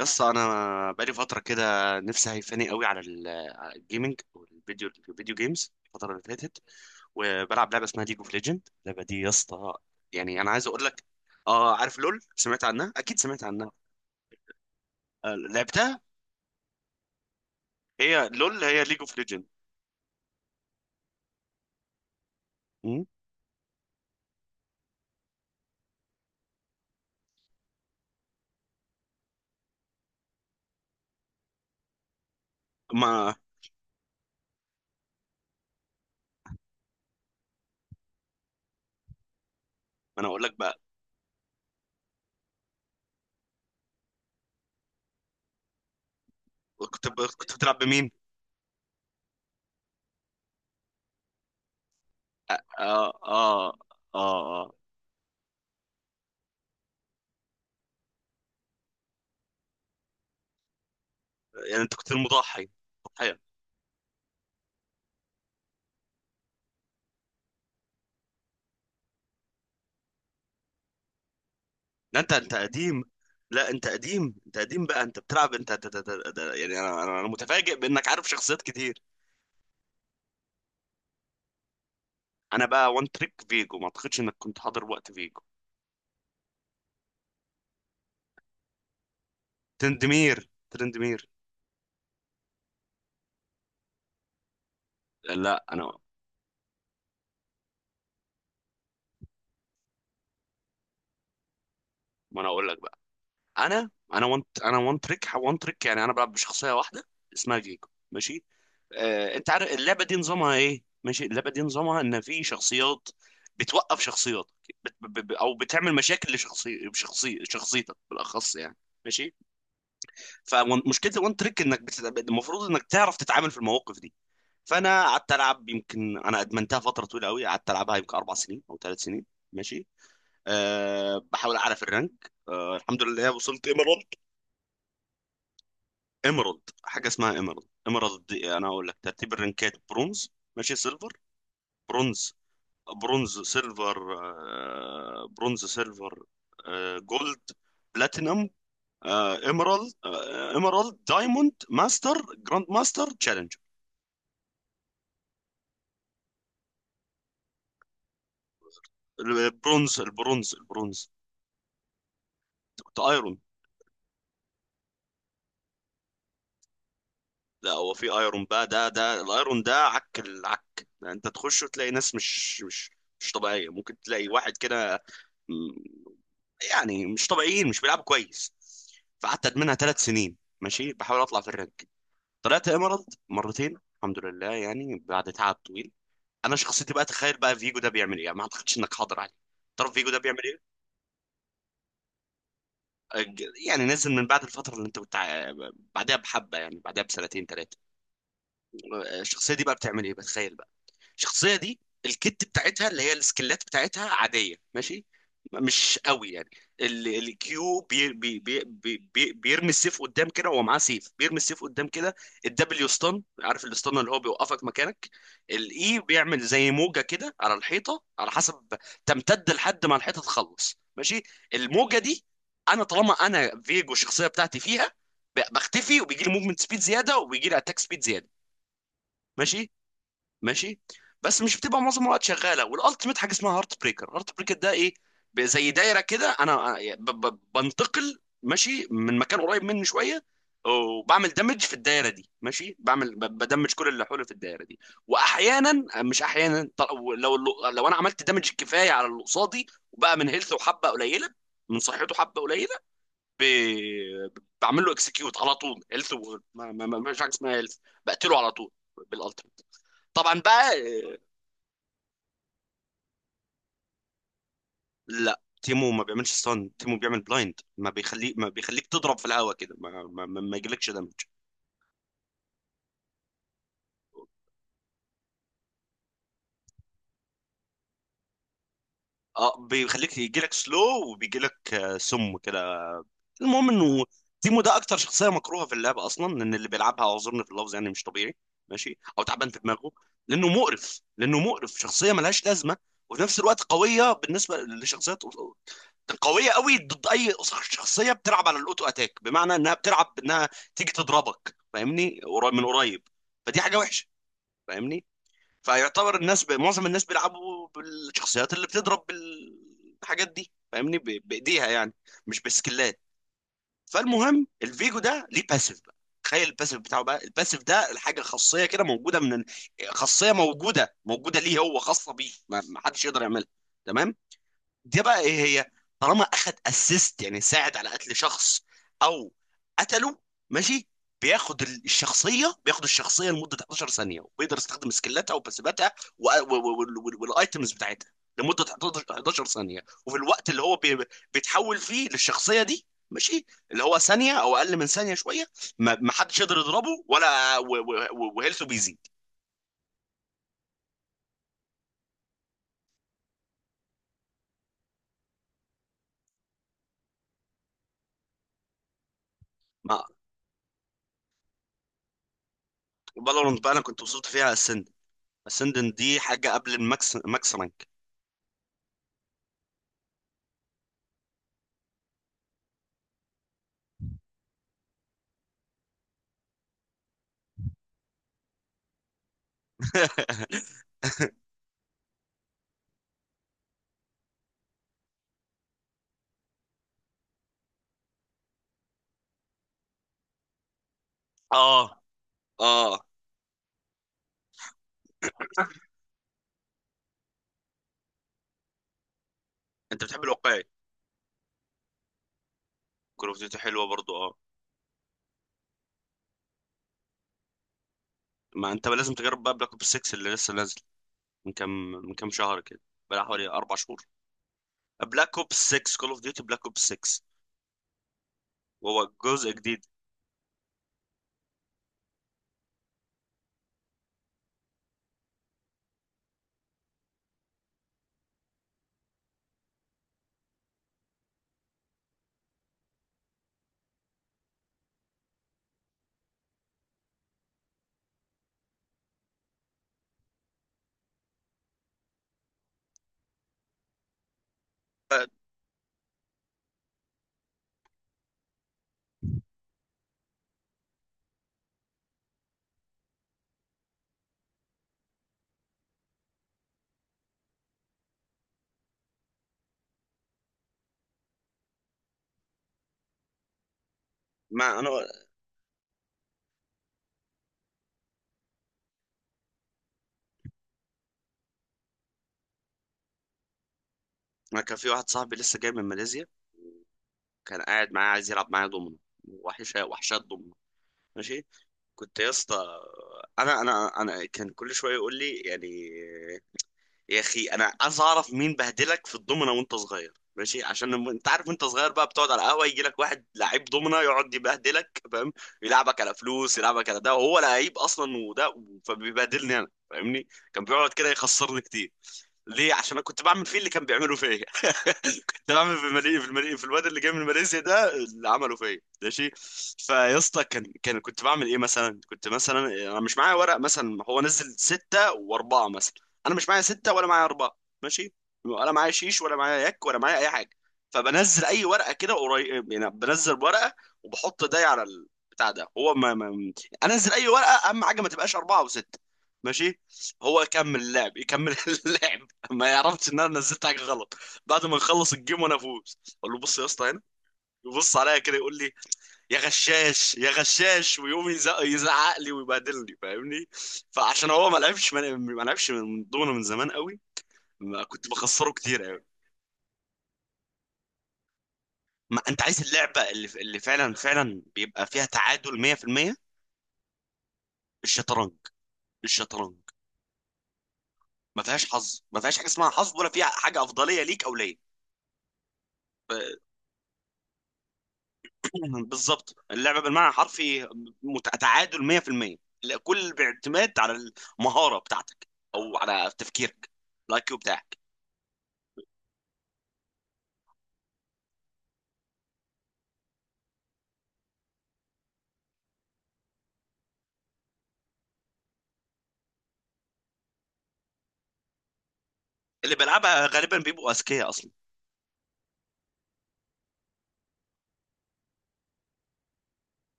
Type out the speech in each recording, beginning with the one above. يس، انا بقالي فتره كده. نفسي هيفاني قوي على على الجيمنج والفيديو الفيديو جيمز الفتره اللي فاتت. وبلعب لعبه اسمها ليج اوف ليجند، اللعبه دي يا اسطى، يعني انا عايز اقول لك. اه، عارف لول، سمعت عنها، اكيد سمعت عنها. آه، لعبتها. هي لول، هي ليج اوف ليجند. ما ما انا اقول لك بقى، كنت بتلعب بمين؟ اه، اه، اه، آه. يعني انت كنت المضحي، ضحيه. لا، انت قديم. لا انت قديم، انت قديم بقى، انت بتلعب، يعني انا انا أنا متفاجئ بانك عارف شخصيات كتير. انا بقى وان تريك فيجو، ما اعتقدش انك كنت حاضر وقت فيجو. ترندمير، ترندمير. لا انا. ما انا اقول لك بقى. انا وان تريك، يعني انا بلعب بشخصيه واحده اسمها فيجو، ماشي. آه، انت عارف اللعبه دي نظامها ايه؟ ماشي، اللعبه دي نظامها ان في شخصيات بتوقف شخصيات، او بتعمل مشاكل شخصيتك بالاخص يعني. ماشي، فمشكله الوان تريك المفروض انك تعرف تتعامل في المواقف دي. فانا قعدت العب، يمكن انا ادمنتها فتره طويله قوي، قعدت العبها يمكن اربع سنين او ثلاث سنين، ماشي. بحاول اعرف الرانك، الحمد لله وصلت ايمرالد. ايمرالد، حاجه اسمها ايمرالد. ايمرالد دي، انا اقول لك ترتيب الرانكات: برونز، ماشي، سيلفر، برونز برونز سيلفر، برونز، سيلفر، جولد، بلاتينم، آه، ايمرالد، آه، ايمرالد، دايموند، ماستر، جراند ماستر، تشالنج. البرونز، البرونز، البرونز. أنت كنت ايرون. لا، هو في ايرون بقى، ده الايرون ده عك العك، يعني انت تخش وتلاقي ناس مش طبيعيه، ممكن تلاقي واحد كده، م- يعني مش طبيعيين، مش بيلعبوا كويس. فقعدت ادمنها ثلاث سنين، ماشي، بحاول اطلع في الرانك. طلعت ايمرالد مرتين الحمد لله، يعني بعد تعب طويل. انا شخصيتي بقى، تخيل بقى فيجو ده بيعمل ايه، يعني ما اعتقدش انك حاضر عليه. تعرف فيجو ده بيعمل ايه؟ أج- يعني نزل من بعد الفتره اللي انت كنت بعدها بحبه، يعني بعدها بسنتين ثلاثه. الشخصيه دي بقى بتعمل ايه؟ بتخيل بقى الشخصيه دي، الكت بتاعتها اللي هي السكلات بتاعتها عاديه، ماشي، مش قوي يعني. الكيو بي بي بي بي بي بيرمي السيف قدام كده، وهو معاه سيف بيرمي السيف قدام كده. الدبليو ستان، عارف الستان اللي هو بيوقفك مكانك. الاي بيعمل زي موجه كده على الحيطه، على حسب تمتد لحد ما الحيطه تخلص، ماشي. الموجه دي، انا طالما انا فيجو الشخصيه بتاعتي فيها، بختفي وبيجي لي موفمنت سبيد زياده وبيجي لي اتاك سبيد زياده، ماشي، ماشي. بس مش بتبقى معظم الوقت شغاله، والالتيميت حاجه اسمها هارت بريكر. هارت بريكر ده ايه؟ زي دايره كده، انا بنتقل، ماشي، من مكان قريب مني شويه، وبعمل دمج في الدايره دي، ماشي، بعمل بدمج كل اللي حولي في الدايره دي. واحيانا آه، مش احيانا، لو، انا عملت دمج كفايه على اللي قصادي، وبقى من هيلثه وحبه قليله، من صحته حبه قليله، ب... بعمل له اكسكيوت على طول. هيلث و... ما... ما... ما... مش حاجه اسمها هيلث، بقتله على طول بالالتيميت، طبعا بقى، آه. لا، تيمو ما بيعملش ستان، تيمو بيعمل بلايند، ما بيخليك تضرب في الهواء كده، ما يجيلكش دمج. اه، بيخليك يجيلك سلو، وبيجيلك آه، سم كده. المهم انه تيمو ده اكتر شخصيه مكروهه في اللعبه اصلا، لان اللي بيلعبها، اعذرني في اللفظ، يعني مش طبيعي، ماشي، او تعبان في دماغه. لانه مقرف، شخصيه ملهاش لازمه، وفي نفس الوقت قويه بالنسبه لشخصيات، قويه قوي ضد اي شخصيه بتلعب على الاوتو اتاك، بمعنى انها بتلعب، انها تيجي تضربك، فاهمني، من قريب. فدي حاجه وحشه، فاهمني. فيعتبر الناس معظم الناس بيلعبوا بالشخصيات اللي بتضرب بالحاجات دي، فاهمني، بايديها يعني، مش بسكلات. فالمهم الفيجو ده ليه باسيف بقى، تخيل الباسيف بتاعه بقى، الباسيف ده الحاجه خاصيه كده موجوده من خاصيه موجوده ليه، هو خاصه بيه، ما حدش يقدر يعملها. تمام، دي بقى ايه هي؟ طالما اخد اسيست، يعني ساعد على قتل شخص او قتله، ماشي، بياخد الشخصيه لمده 11 ثانيه، وبيقدر يستخدم سكيلاتها وباسيفاتها والايتمز بتاعتها لمده 11 ثانيه، وفي الوقت اللي هو بيتحول فيه للشخصيه دي، ماشي، اللي هو ثانيه او اقل من ثانيه شويه، ما حدش يقدر يضربه، ولا وهيلثه بيزيد. ما فالورانت بقى، انا كنت وصلت فيها السند، دي حاجه قبل الماكس، ماكس رانك. اه، اه، انت بتحب الواقعي. كول اوف ديوتي حلوه برضو، اه. ما انت لازم تجرب بقى بلاك اوبس 6 اللي لسه نازل من كام، شهر كده، بقى حوالي اربع شهور. بلاك اوبس 6، كول اوف ديوتي بلاك اوبس 6، وهو جزء جديد، آه. ما انا ما كان في واحد صاحبي لسه جاي من ماليزيا، كان قاعد معايا عايز يلعب معايا دومينو. وحشه، وحشات دومينو، ماشي. كنت يا اسطى، انا كان كل شويه يقول لي يعني: يا اخي انا عايز اعرف مين بهدلك في الضمنه وانت صغير، ماشي، عشان انت عارف وانت صغير بقى بتقعد على القهوه، يجي لك واحد لعيب ضمنه يقعد يبهدلك، فاهم، يلعبك على فلوس، يلعبك على ده وهو لعيب اصلا، وده فبيبهدلني انا، فاهمني. كان بيقعد كده يخسرني كتير. ليه؟ عشان انا كنت بعمل فيه اللي كان بيعمله فيا. ده عامل في المالي، في الواد اللي جاي من ماليزيا ده، اللي عمله فيا، ماشي. فيا اسطى، كان كان كنت بعمل ايه مثلا؟ كنت مثلا انا مش معايا ورق، مثلا هو نزل ستة واربعة، مثلا انا مش معايا ستة ولا معايا اربعة، ماشي، ولا معايا شيش ولا معايا يك ولا معايا اي حاجة. فبنزل اي ورقة كده قريب، يعني بنزل ورقة وبحط ده على البتاع ده، هو ما, ما انزل اي ورقة، اهم حاجة ما تبقاش اربعة وستة، ماشي. هو يكمل اللعب، يكمل اللعب. ما يعرفش ان انا نزلت حاجه غلط. بعد ما نخلص الجيم وانا افوز، اقول له: بص يا اسطى هنا. يبص عليا كده يقول لي: يا غشاش، يا غشاش، ويقوم يزعق لي ويبهدلني، فاهمني. فعشان هو ما لعبش من ضمنه من زمان قوي، ما كنت بخسره كتير قوي. ما انت عايز اللعبه اللي فعلا فعلا بيبقى فيها تعادل 100%: الشطرنج. الشطرنج، ما فيهاش حظ، ما فيهاش حاجه اسمها حظ، ولا فيها حاجه افضليه ليك او ليا. بالظبط اللعبه بالمعنى الحرفي، تعادل 100%. لا، كل باعتماد على المهاره بتاعتك او على تفكيرك، الاي كيو بتاعك. اللي بيلعبها غالبا بيبقوا اذكياء اصلا.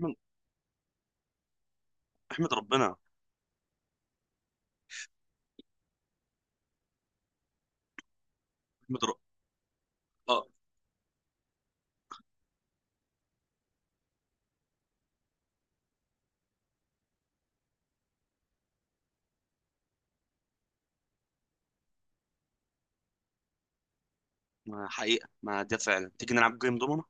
احمد، احمد ربنا، احمد ربنا، اه. ما حقيقه، ما ده فعلا، تيجي نلعب جيم دومنا.